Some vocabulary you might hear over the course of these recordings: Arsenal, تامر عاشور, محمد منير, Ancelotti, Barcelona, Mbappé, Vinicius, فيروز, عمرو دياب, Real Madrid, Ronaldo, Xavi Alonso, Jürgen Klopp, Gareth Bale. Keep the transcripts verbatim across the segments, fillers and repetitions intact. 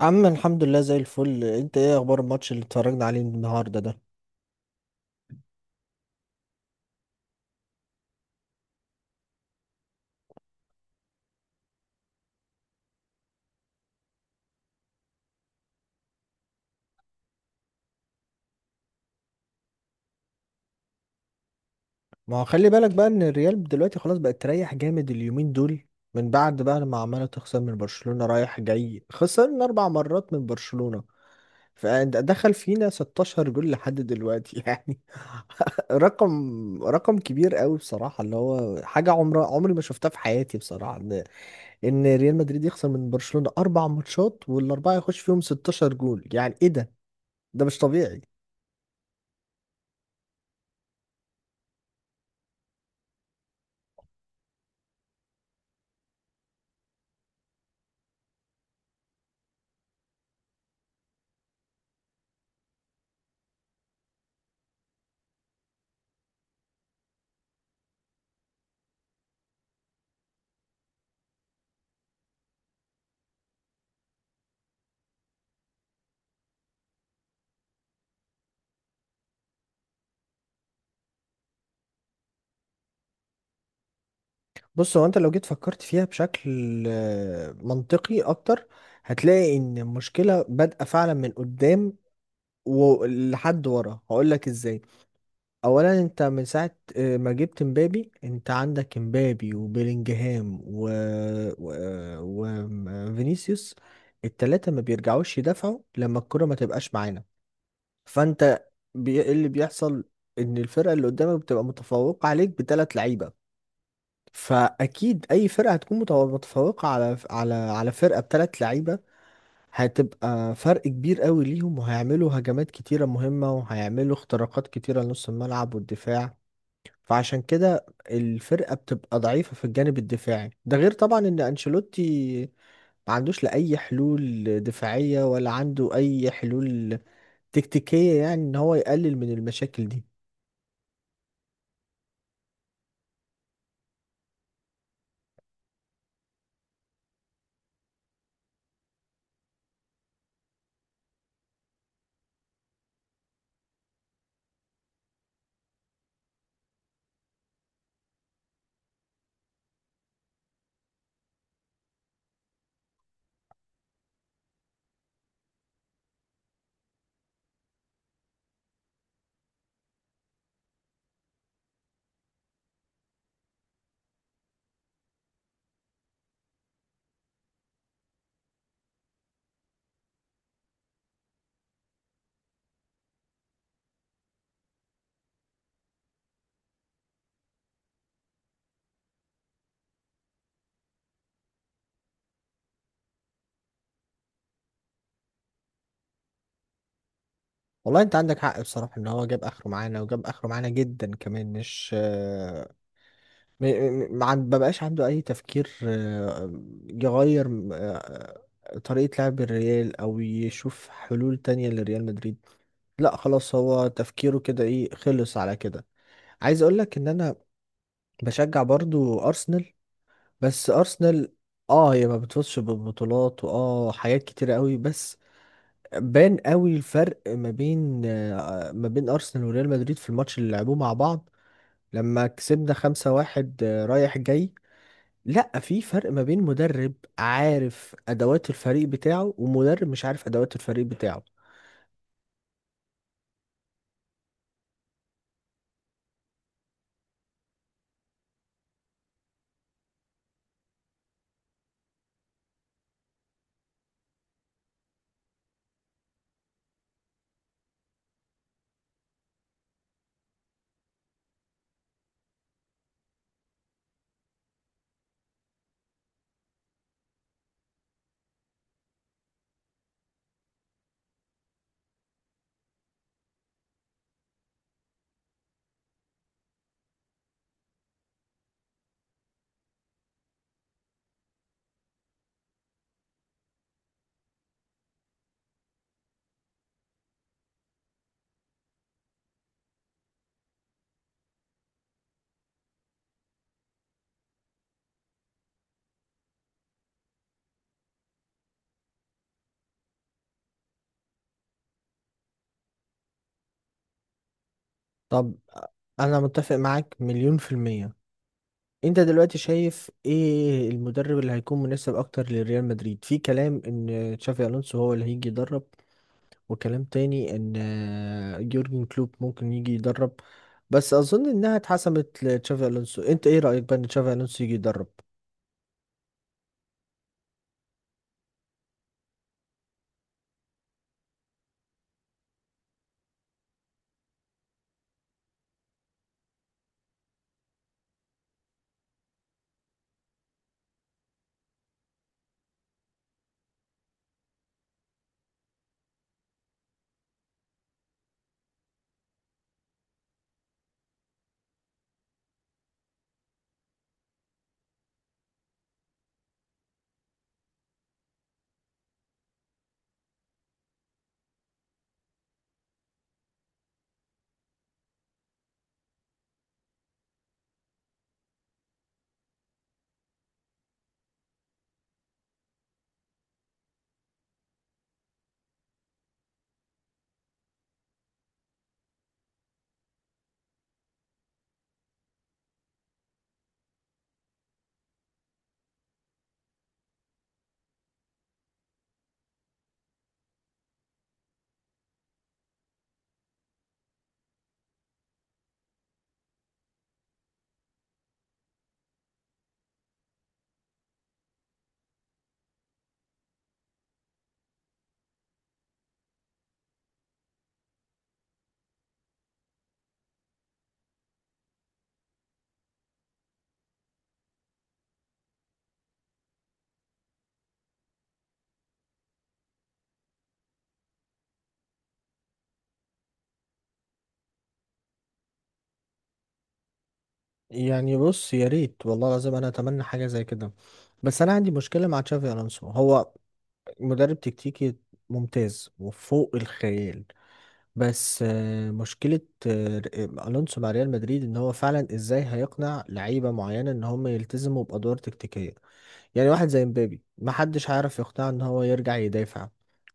عم الحمد لله زي الفل. انت ايه اخبار الماتش اللي اتفرجنا عليه النهارده ده؟ ما هو خلي بالك بقى ان الريال دلوقتي خلاص بقت تريح جامد اليومين دول من بعد بقى لما عماله تخسر من برشلونة رايح جاي. خسرنا اربع مرات من برشلونة فدخل فينا 16 جول لحد دلوقتي يعني رقم رقم كبير قوي بصراحة، اللي هو حاجة عمر عمري ما شفتها في حياتي بصراحة، ان ان ريال مدريد يخسر من برشلونة اربع ماتشات والاربعة يخش فيهم ستاشر جول، يعني ايه ده؟ ده مش طبيعي. بص، هو انت لو جيت فكرت فيها بشكل آه، منطقي اكتر هتلاقي ان المشكله بادئه فعلا من قدام ولحد ورا، هقول لك ازاي. اولا انت من ساعه آه، ما جبت مبابي، انت عندك مبابي وبيلينجهام و... و... وفينيسيوس. التلاته ما بيرجعوش يدافعوا لما الكره ما تبقاش معانا. فانت بي... إيه اللي بيحصل؟ ان الفرقه اللي قدامك بتبقى متفوقه عليك بثلاث لعيبه، فاكيد اي فرقه هتكون متو- متفوقه على على على فرقه بثلاث لعيبه هتبقى فرق كبير قوي ليهم، وهيعملوا هجمات كتيره مهمه وهيعملوا اختراقات كتيره لنص الملعب والدفاع. فعشان كده الفرقه بتبقى ضعيفه في الجانب الدفاعي، ده غير طبعا ان انشيلوتي ما عندوش لا اي حلول دفاعيه ولا عنده اي حلول تكتيكيه يعني ان هو يقلل من المشاكل دي. والله انت عندك حق بصراحة، ان هو جاب اخره معانا وجاب اخره معانا جدا كمان. مش م- م- ما عن- ببقاش عنده اي تفكير آه، يغير آه، طريقة لعب الريال او يشوف حلول تانية لريال مدريد. لا خلاص، هو تفكيره كده، ايه خلص على كده. عايز اقولك ان انا بشجع برضو ارسنال. بس ارسنال اه هي ما بتفوزش بالبطولات واه حاجات كتيرة قوي، بس بان قوي الفرق ما بين آه، ما بين ارسنال وريال مدريد في الماتش اللي لعبوه مع بعض لما كسبنا خمسة واحد آه، رايح جاي. لا، في فرق ما بين مدرب عارف ادوات الفريق بتاعه ومدرب مش عارف ادوات الفريق بتاعه. طب، انا متفق معاك مليون في المية. انت دلوقتي شايف ايه المدرب اللي هيكون مناسب اكتر لريال مدريد؟ في كلام ان تشافي الونسو هو اللي هيجي يدرب، وكلام تاني ان آه، يورجن كلوب ممكن يجي يدرب، بس اظن انها اتحسمت لتشافي الونسو. انت ايه رأيك بقى ان تشافي الونسو يجي يدرب؟ يعني بص، يا ريت والله العظيم، انا اتمنى حاجه زي كده. بس انا عندي مشكله مع تشافي الونسو. هو مدرب تكتيكي ممتاز وفوق الخيال، بس آه، مشكله آه، الونسو مع ريال مدريد ان هو فعلا ازاي هيقنع لعيبه معينه ان هم يلتزموا بادوار تكتيكيه. يعني واحد زي مبابي محدش هيعرف يقنعه ان هو يرجع يدافع،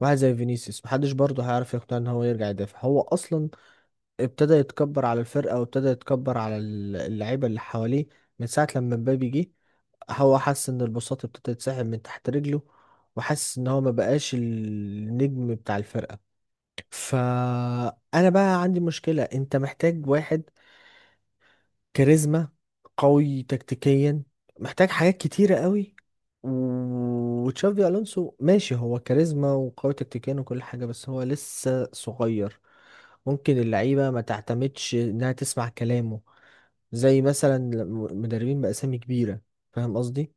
واحد زي فينيسيوس محدش برضه هيعرف يقنعه ان هو يرجع يدافع. هو اصلا ابتدى يتكبر على الفرقة وابتدى يتكبر على ال- اللعيبة اللي حواليه من ساعة لما مبابي جه. هو حس ان البساط ابتدى يتسحب من تحت رجله، وحس ان هو ما بقاش النجم بتاع الفرقة. فانا بقى عندي مشكلة، انت محتاج واحد كاريزما، قوي تكتيكيا، محتاج حاجات كتيرة قوي. و- وتشافي ألونسو ماشي هو كاريزما وقوي تكتيكيا وكل حاجة، بس هو لسه صغير، ممكن اللعيبة ما تعتمدش إنها تسمع كلامه زي مثلا لم- مدربين بأسامي كبيرة. فاهم قصدي؟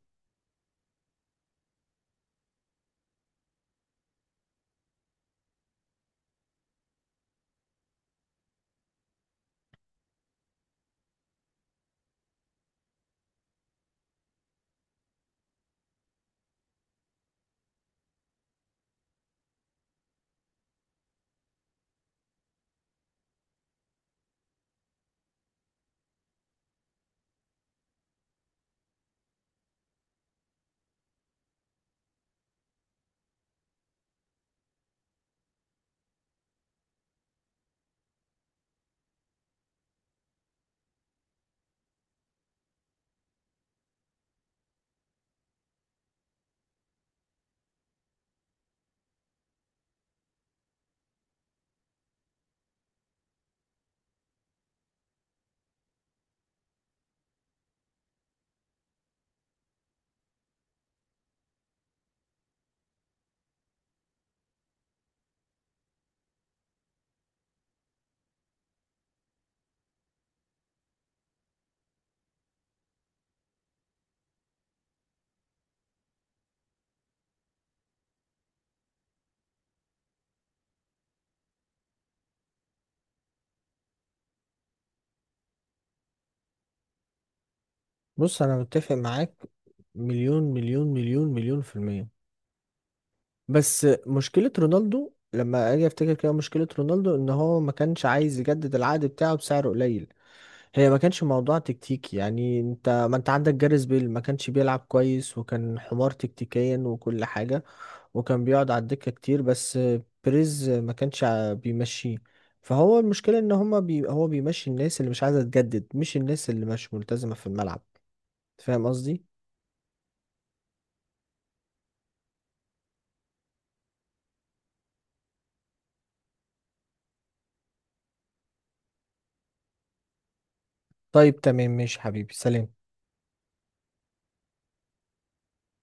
بص أنا متفق معاك مليون مليون مليون مليون في المية. بس مشكلة رونالدو، لما أجي أفتكر كده، مشكلة رونالدو إن هو ما كانش عايز يجدد العقد بتاعه بسعر قليل. هي ما كانش موضوع تكتيكي يعني، انت ما انت عندك جاريث بيل ما كانش بيلعب كويس وكان حمار تكتيكيا وكل حاجة، وكان بيقعد على الدكة كتير، بس بريز ما كانش ع- بيمشيه. فهو المشكلة ان هما بي هو بيمشي الناس اللي مش عايزة تجدد، مش الناس اللي مش ملتزمة في الملعب. فاهم قصدي؟ طيب تمام، ماشي حبيبي، سلام.